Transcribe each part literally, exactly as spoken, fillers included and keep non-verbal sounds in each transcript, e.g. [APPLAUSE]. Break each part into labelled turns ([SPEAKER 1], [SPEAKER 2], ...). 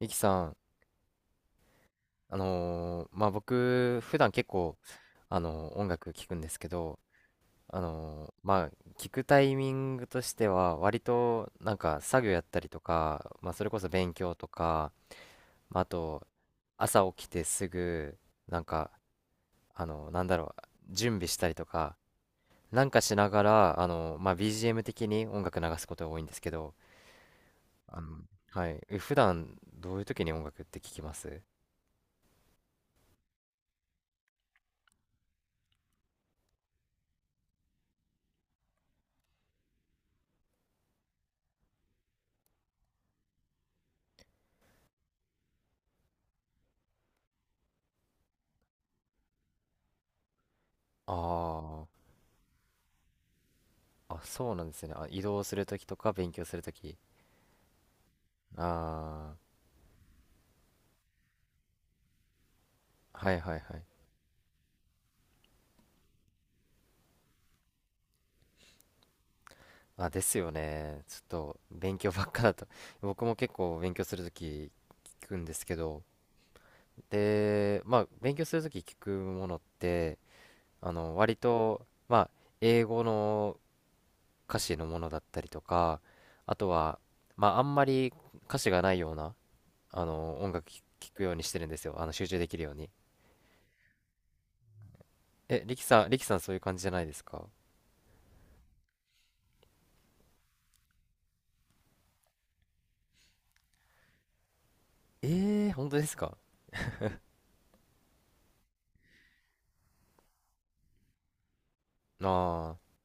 [SPEAKER 1] ゆきさん、あのーまあ僕、普段結構、あのー音楽聴くんですけど、あのーまあ聴くタイミングとしては、割となんか作業やったりとか、まあそれこそ勉強とか、まああと朝起きてすぐ、なんか、あのーなんだろう、準備したりとか、なんかしながら、あのーまあ ビージーエム 的に音楽流すことが多いんですけど、あの、はい、え普段どういう時に音楽って聴きます？あああ、そうなんですね。あ、移動するときとか勉強するとき。ああ、はいはいはい。あ、ですよね。ちょっと勉強ばっかだと。[LAUGHS] 僕も結構勉強するとき聞くんですけど。で、まあ、勉強するとき聞くものって、あの、割と、まあ、英語の歌詞のものだったりとか、あとは、まあ、あんまり歌詞がないような、あの、音楽聞聞くようにしてるんですよ。あの、集中できるように。え、リキさん、リキさんそういう感じじゃないですか？ええー、本当ですか？ああ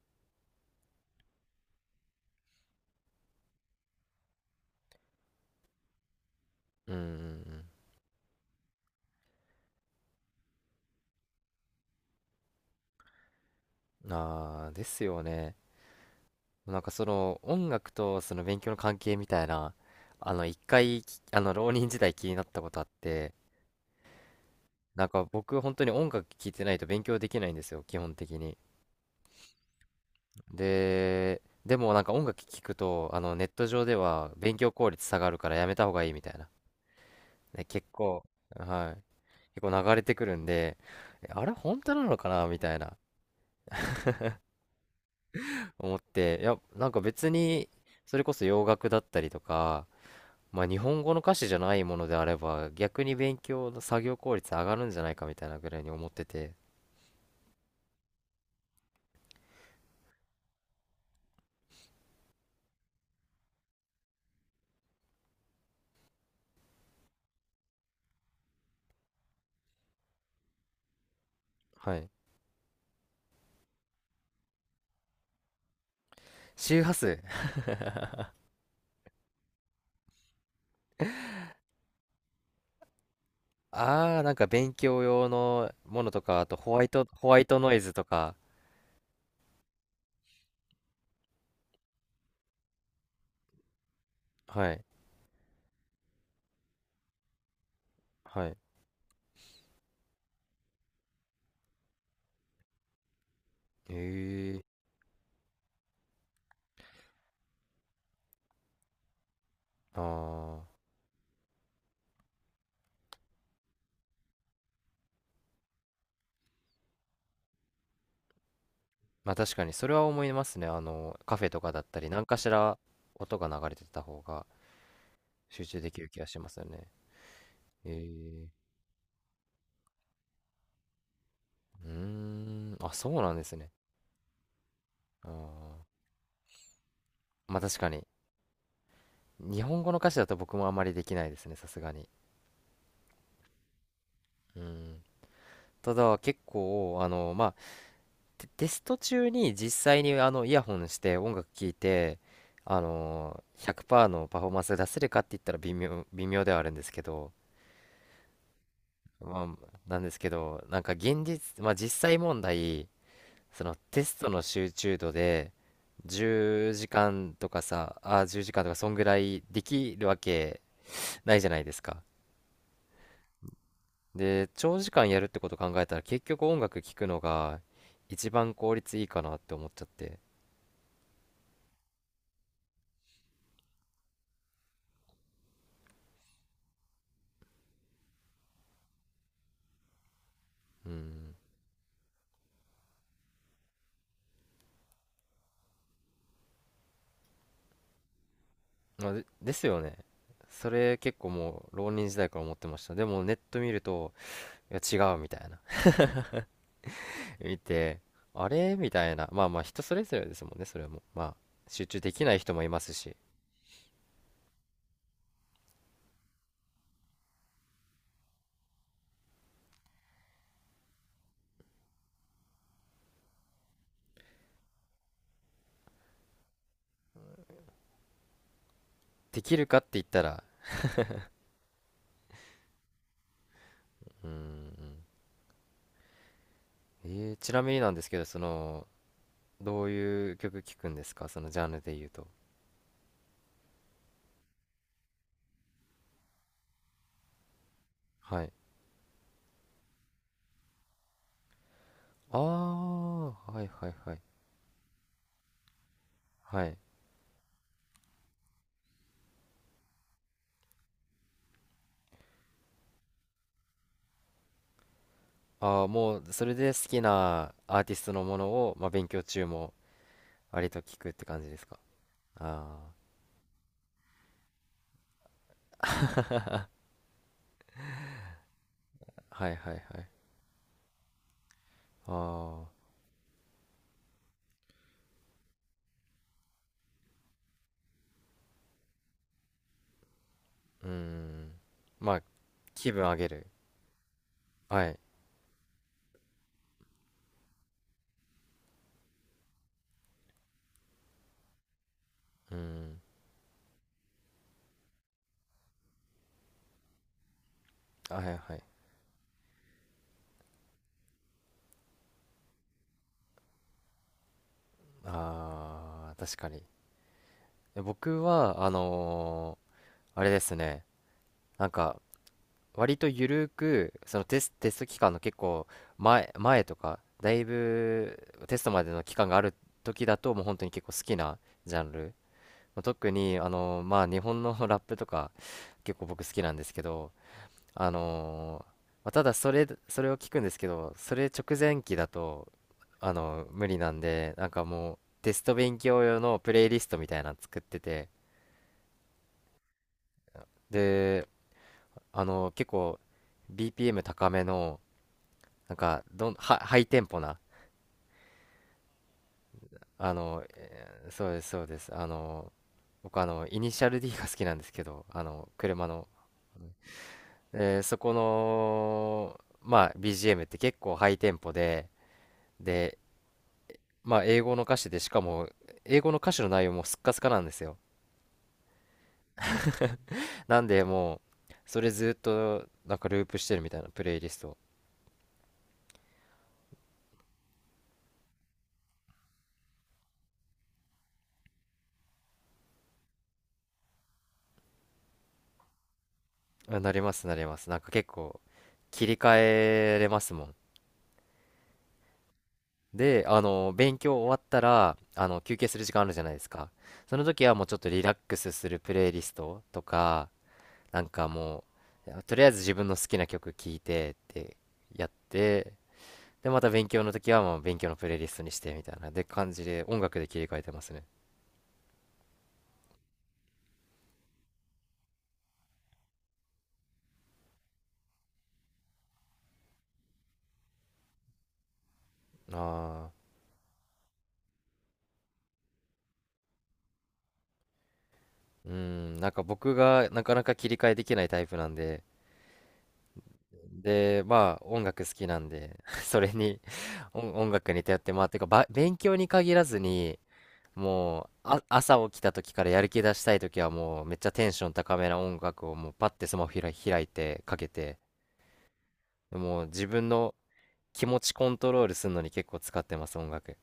[SPEAKER 1] ー、うんうんうん。ああ、ですよね。なんかその音楽とその勉強の関係みたいな、あの一回き、あの浪人時代気になったことあって、なんか僕本当に音楽聴いてないと勉強できないんですよ、基本的に。で、でもなんか音楽聴くと、あのネット上では勉強効率下がるからやめた方がいいみたいな。ね、結構、はい、結構流れてくるんで、えあれ本当なのかなみたいな。思って、いや、なんか別に、それこそ洋楽だったりとか、まあ日本語の歌詞じゃないものであれば、逆に勉強の作業効率上がるんじゃないかみたいなぐらいに思ってて、はい。周波数。[LAUGHS] ああ、なんか勉強用のものとか、あとホワイト、ホワイトノイズとか、はい、はい。ええああ、まあ確かにそれは思いますね。あの、カフェとかだったり、何かしら音が流れてた方が集中できる気がしますよね。ええうーん、あ、そうなんですね。あーまあ確かに。日本語の歌詞だと僕もあまりできないですね、さすがに。うん。ただ結構、あの、まあ、テテスト中に実際にあのイヤホンして音楽聴いて、あのひゃくパー、ひゃくパーセントのパフォーマンス出せるかって言ったら微妙、微妙ではあるんですけど、まあ、なんですけど、なんか現実、まあ実際問題、そのテストの集中度で、じゅうじかんとかさ、あ、じゅうじかんとか、そんぐらいできるわけないじゃないですか。で、長時間やるってこと考えたら結局音楽聴くのが一番効率いいかなって思っちゃって。うん。まあ、で、ですよね。それ結構もう浪人時代から思ってました。でもネット見ると、いや違うみたいな [LAUGHS]。見て、あれみたいな。まあまあ人それぞれですもんね、それも。まあ集中できない人もいますし。できるかって言ったら、うーん。えーちなみになんですけど、その、どういう曲聴くんですかそのジャンルで言うと？はい。ああ、はいはいはい。はい。ああ、もう、それで好きなアーティストのものを、まあ、勉強中も割と聞くって感じですか？ああ、はいはいはい。ああ、うーん。まあ、気分上げる。はい。うん。はいはい。ああ、確かに。え僕は、あのーあれですね。なんか、割とゆるく、そのテス、テスト期間の結構前、前とか、だいぶテストまでの期間がある時だと、もう本当に結構好きなジャンル。まあ特に、あの、まあ日本の [LAUGHS] ラップとか結構僕好きなんですけど、あのーまあただそれ、それを聞くんですけど、それ直前期だと、あの、無理なんで、なんかもうテスト勉強用のプレイリストみたいなの作ってて、で、あの、結構 ビーピーエム 高めの、なんかどんはハイテンポなあの、えーそうですそうですあの僕あのイニシャル D が好きなんですけどあの車の、えーそこのまあ ビージーエム って結構ハイテンポででまあ英語の歌詞でしかも英語の歌詞の内容もスッカスカなんですよ。なんでもうそれずっとなんかループしてるみたいなプレイリスト、あなりますなりますなんか結構切り替えれますもん。で、あの、勉強終わったら、あの、休憩する時間あるじゃないですか。その時はもうちょっとリラックスするプレイリストとか、なんかもう、とりあえず自分の好きな曲聴いてってやって、で、また勉強の時はもう勉強のプレイリストにしてみたいな、で感じで音楽で切り替えてますね。ああ、うん、なんか僕がなかなか切り替えできないタイプなんで、で、まあ音楽好きなんで、[LAUGHS] それに音、音楽に頼って、まあ、てかば、勉強に限らずに、もうあ朝起きた時からやる気出したい時はもうめっちゃテンション高めな音楽をもうパッてスマホ開い開いてかけてもう自分の気持ちコントロールするのに結構使ってます。音楽い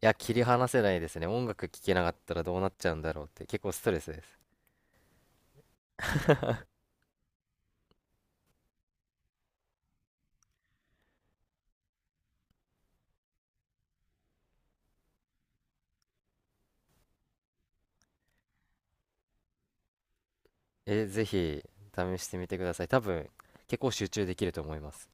[SPEAKER 1] や切り離せないですね、音楽聴けなかったらどうなっちゃうんだろうって結構ストレスです。えぜひ試してみてください、多分結構集中できると思います。